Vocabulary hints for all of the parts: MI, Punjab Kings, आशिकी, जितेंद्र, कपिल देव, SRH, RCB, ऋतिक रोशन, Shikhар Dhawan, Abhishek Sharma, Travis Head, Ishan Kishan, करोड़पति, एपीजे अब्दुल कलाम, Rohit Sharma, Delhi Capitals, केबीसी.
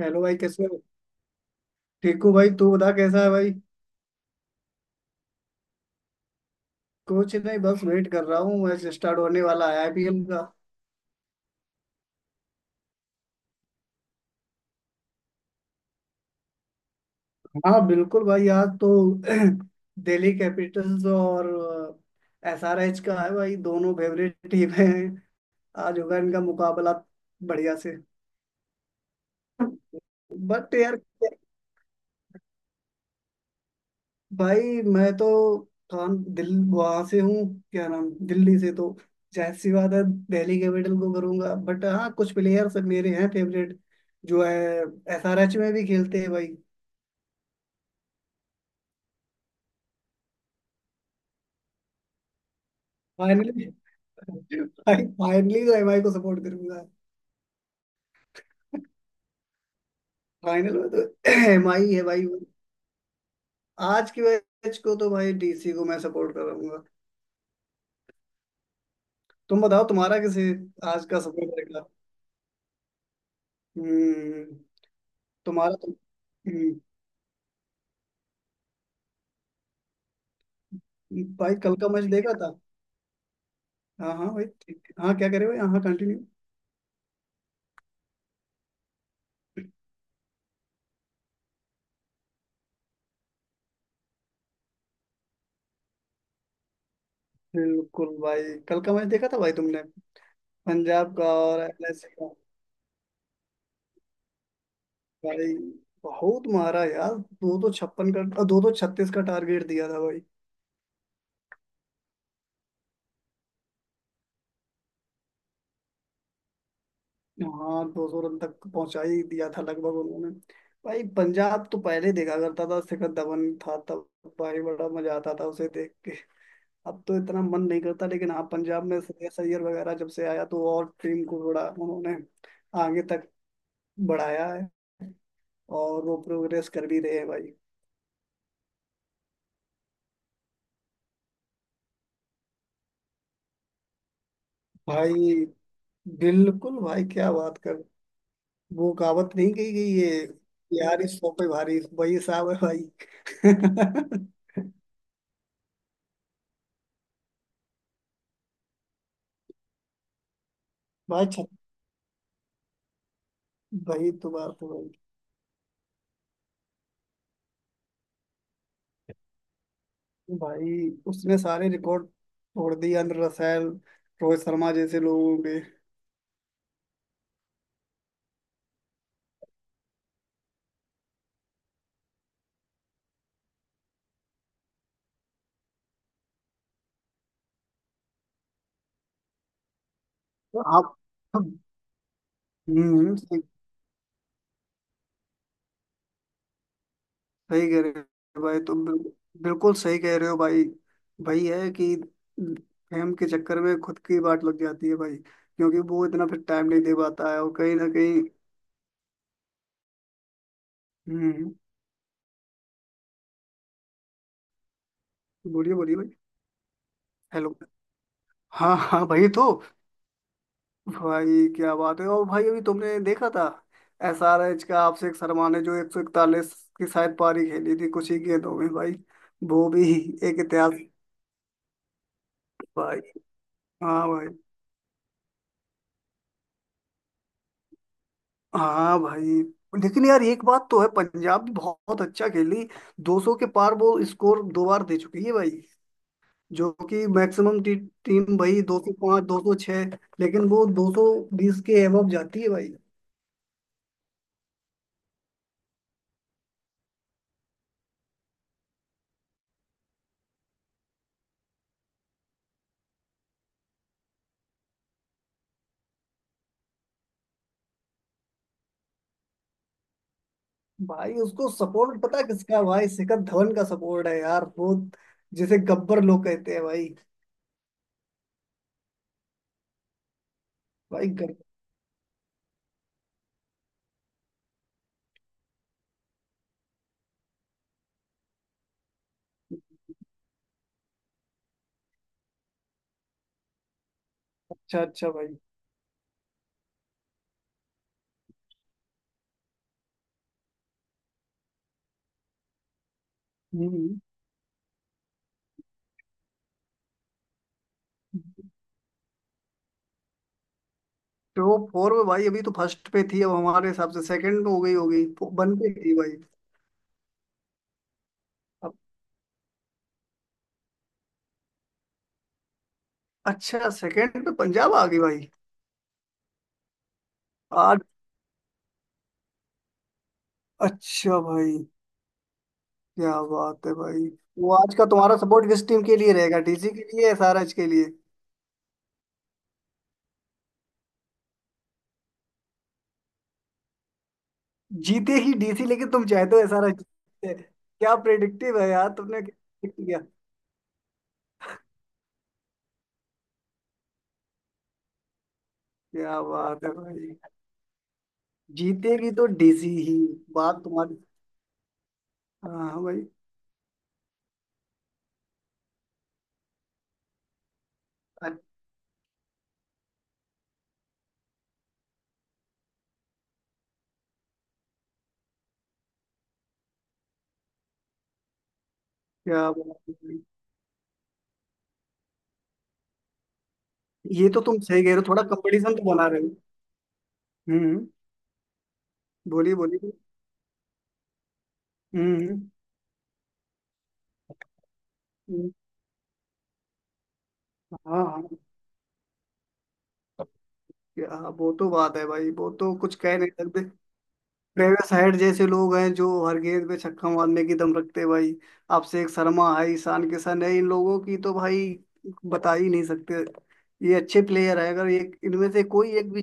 Hello भाई, कैसे हो? ठीक हूँ भाई। तू बता कैसा है भाई? कुछ नहीं, बस वेट कर रहा हूँ। मैच स्टार्ट होने वाला है आईपीएल का। हाँ बिल्कुल भाई, आज तो दिल्ली कैपिटल्स और एसआरएच का है भाई। दोनों फेवरेट टीम है। आज होगा इनका मुकाबला बढ़िया से। बट यार, भाई मैं तो कान दिल वहां से हूँ, क्या नाम, दिल्ली से तो जाहिर सी बात है दिल्ली कैपिटल को करूंगा। बट हाँ कुछ प्लेयर्स मेरे हैं फेवरेट जो है एसआरएच में भी खेलते हैं भाई। फाइनली भाई, फाइनली तो एमआई को सपोर्ट करूंगा। फाइनल में तो एमआई है भाई। आज की मैच को तो भाई डीसी को मैं सपोर्ट करूंगा। तुम बताओ तुम्हारा किसे आज का सपोर्ट करेगा? हम्म, तुम्हारा तो हम्म, भाई कल का मैच देखा? हाँ हाँ भाई ठीक, हाँ क्या करे भाई, हाँ हाँ कंटिन्यू। बिल्कुल भाई, कल का मैच देखा था भाई तुमने? पंजाब का और एलआईसी का। भाई बहुत मारा यार, दो दो छप्पन का दो दो छत्तीस का टारगेट दिया था भाई। हाँ 200 रन तक पहुंचा ही दिया था लगभग उन्होंने। भाई पंजाब तो पहले ही देखा करता था, शिखर धवन था तब भाई, बड़ा मजा आता था उसे देख के। अब तो इतना मन नहीं करता, लेकिन हाँ पंजाब में श्रेयस अय्यर वगैरह जब से आया तो और टीम को थोड़ा उन्होंने आगे तक बढ़ाया है, और वो प्रोग्रेस कर भी रहे हैं भाई। भाई बिल्कुल भाई, क्या बात कर! वो कहावत नहीं कही गई है यार, इस सौ पे भारी वही हिसाब है भाई। भाई छ- भाई तो बात है भाई। भाई उसने सारे रिकॉर्ड तोड़ दिए अंदर रसैल रोहित शर्मा जैसे लोगों के। आप हम्म, सही कह रहे हो भाई तुम, बिल्कुल बिल्कुल सही कह रहे हो भाई। भाई है कि फेम के चक्कर में खुद की बात लग जाती है भाई, क्योंकि वो इतना फिर टाइम नहीं दे पाता है और कहीं ना कहीं। हम्म, बोलिए बोलिए भाई। हेलो। हाँ हाँ भाई, तो भाई क्या बात है, और भाई अभी तुमने देखा था एस आर एच का आपसे शर्मा ने जो 141 की शायद पारी खेली थी कुछ ही गेंदों में भाई? वो भी एक इतिहास भाई। हाँ भाई। हाँ भाई। लेकिन यार एक बात तो है, पंजाब भी बहुत अच्छा खेली। 200 के पार वो स्कोर दो बार दे चुकी है भाई, जो कि मैक्सिमम टीम भाई 205 206, लेकिन वो 220 के एबव जाती है भाई। भाई उसको सपोर्ट पता है किसका है भाई, शिखर धवन का सपोर्ट है यार, वो जिसे गब्बर लोग कहते हैं भाई। भाई गब्बर। अच्छा अच्छा भाई। हम्म, तो फोर में भाई, अभी तो फर्स्ट पे थी, अब हमारे हिसाब से सेकंड हो गई होगी। वन पे थी भाई। अच्छा सेकंड पे पंजाब आ गई भाई? आज। अच्छा भाई, क्या बात है भाई। वो आज का तुम्हारा सपोर्ट किस टीम के लिए रहेगा, डीसी के लिए, एसआरएच के लिए? जीते ही डीसी, लेकिन तुम चाहते हो एसआरएच जीते? क्या प्रेडिक्टिव है यार, तुमने क्या predict किया? क्या बात है भाई। जीतेगी तो डीसी ही बात तुम्हारी। हाँ हाँ भाई। अच्छा बात है भाई। ये तो तुम सही कह रहे हो, थोड़ा कंपटीशन तो बना रहे हो। हम्म, बोलिए बोलिए। हम्म। हम्म, हाँ हाँ। या, वो तो बात है भाई, वो तो कुछ कह नहीं सकते। ट्रेविस हेड जैसे लोग हैं जो हर गेंद पे छक्का मारने की दम रखते हैं भाई। अभिषेक शर्मा है, ईशान किशन है, इन लोगों की तो भाई बता ही नहीं सकते। ये अच्छे प्लेयर है, अगर ये इनमें से कोई एक भी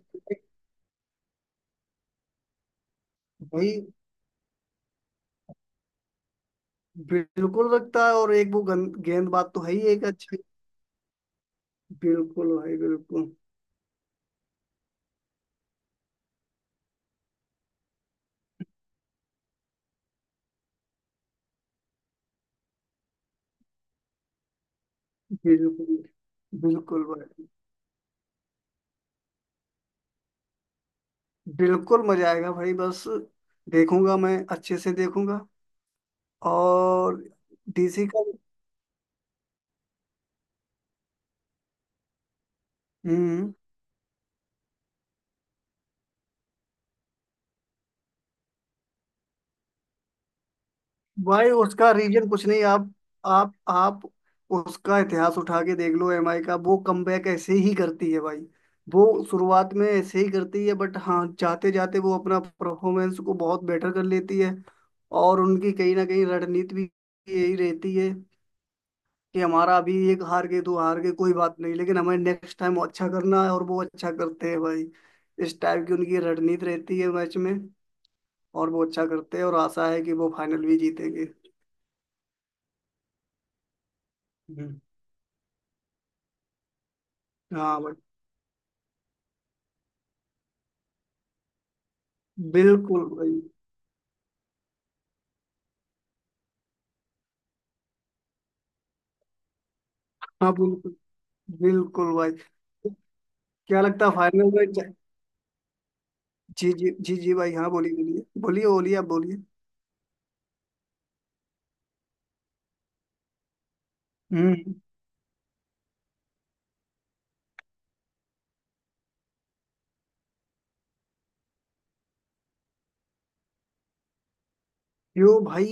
भाई बिल्कुल रखता है। और एक वो गेंदबाज तो है ही एक अच्छी। बिल्कुल भाई बिल्कुल। बिल्कुल। बिल्कुल भाई बिल्कुल मजा आएगा भाई, बस देखूंगा, मैं अच्छे से देखूंगा। और डीसी का। हम्म। भाई उसका रीजन कुछ नहीं, आप उसका इतिहास उठा के देख लो एमआई का, वो कमबैक ऐसे ही करती है भाई। वो शुरुआत में ऐसे ही करती है, बट हाँ जाते जाते वो अपना परफॉर्मेंस को बहुत बेटर कर लेती है। और उनकी कहीं ना कहीं रणनीति भी यही रहती है कि हमारा अभी एक हार गए तो हार गए, कोई बात नहीं, लेकिन हमें नेक्स्ट टाइम अच्छा करना है, और वो अच्छा करते हैं भाई। इस टाइप की उनकी रणनीति रहती है मैच में, और वो अच्छा करते हैं, और आशा है कि वो फाइनल भी जीतेंगे। हम्म। हाँ भाई। बिल्कुल भाई। हाँ बिल्कुल। बिल्कुल भाई, क्या लगता है फाइनल में जी जी जी जी भाई, हाँ बोलिए बोलिए बोलिए बोलिए, आप बोलिए। हम्म। यो भाई,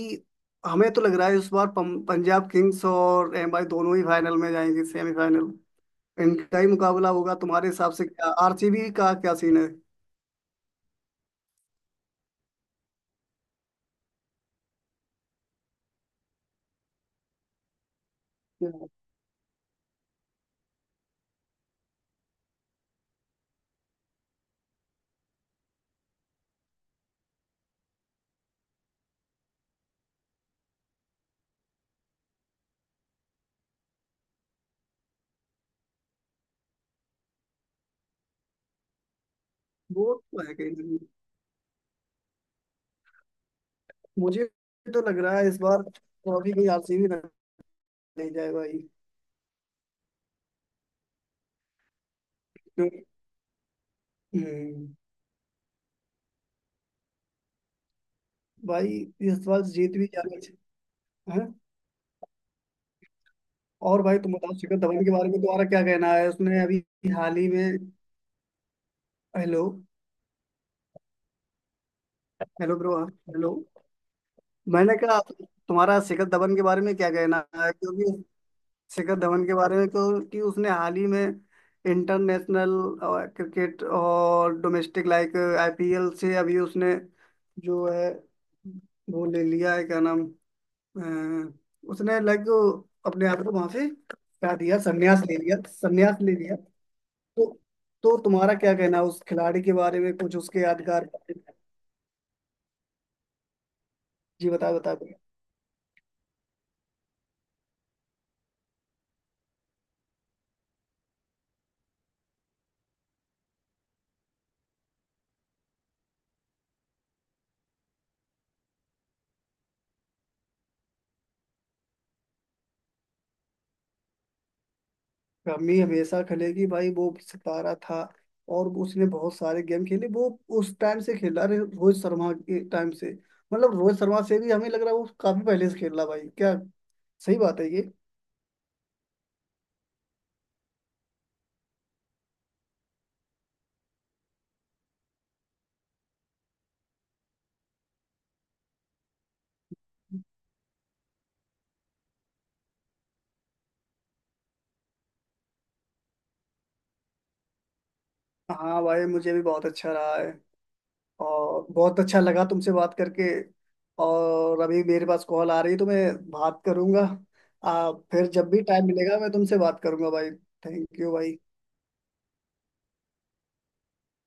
हमें तो लग रहा है इस बार पंजाब किंग्स और एमआई दोनों ही फाइनल में जाएंगे, सेमीफाइनल इनका ही मुकाबला होगा। तुम्हारे हिसाब से क्या आरसीबी का क्या सीन है? क्या? वो तो है कहीं ना कहीं। मुझे तो लग रहा है इस बार ट्रॉफी कहीं आरसीबी नहीं जाए भाई। हम्म, भाई ये सवाल जीत भी जाना चाहिए। हैं? और भाई तुम बताओ शिखर धवन के बारे में तुम्हारा क्या कहना है, उसने अभी हाल ही में? हेलो। हेलो ब्रो, हाँ, हेलो। मैंने कहा तुम्हारा शिखर धवन के बारे में क्या कहना है, क्योंकि शिखर धवन के बारे में, क्योंकि उसने हाल ही में इंटरनेशनल क्रिकेट और डोमेस्टिक लाइक आईपीएल से अभी उसने जो है वो ले लिया है, क्या नाम, अ, उसने लाइक अपने आप को वहां से हटा दिया, संन्यास ले लिया, संन्यास ले लिया। तो तो तुम्हारा क्या कहना है उस खिलाड़ी के बारे में, कुछ उसके यादगार? जी बता बता। कमी हमेशा खलेगी भाई, वो सितारा था और उसने बहुत सारे गेम खेले। वो उस टाइम से खेला रहे रोहित शर्मा के टाइम से, मतलब रोहित शर्मा से भी हमें लग रहा है वो काफी पहले से खेल रहा भाई, क्या सही बात है ये? हाँ भाई, मुझे भी बहुत अच्छा रहा है और बहुत अच्छा लगा तुमसे बात करके। और अभी मेरे पास कॉल आ रही है तो मैं बात करूंगा। फिर जब भी टाइम मिलेगा मैं तुमसे बात करूंगा भाई। थैंक यू भाई।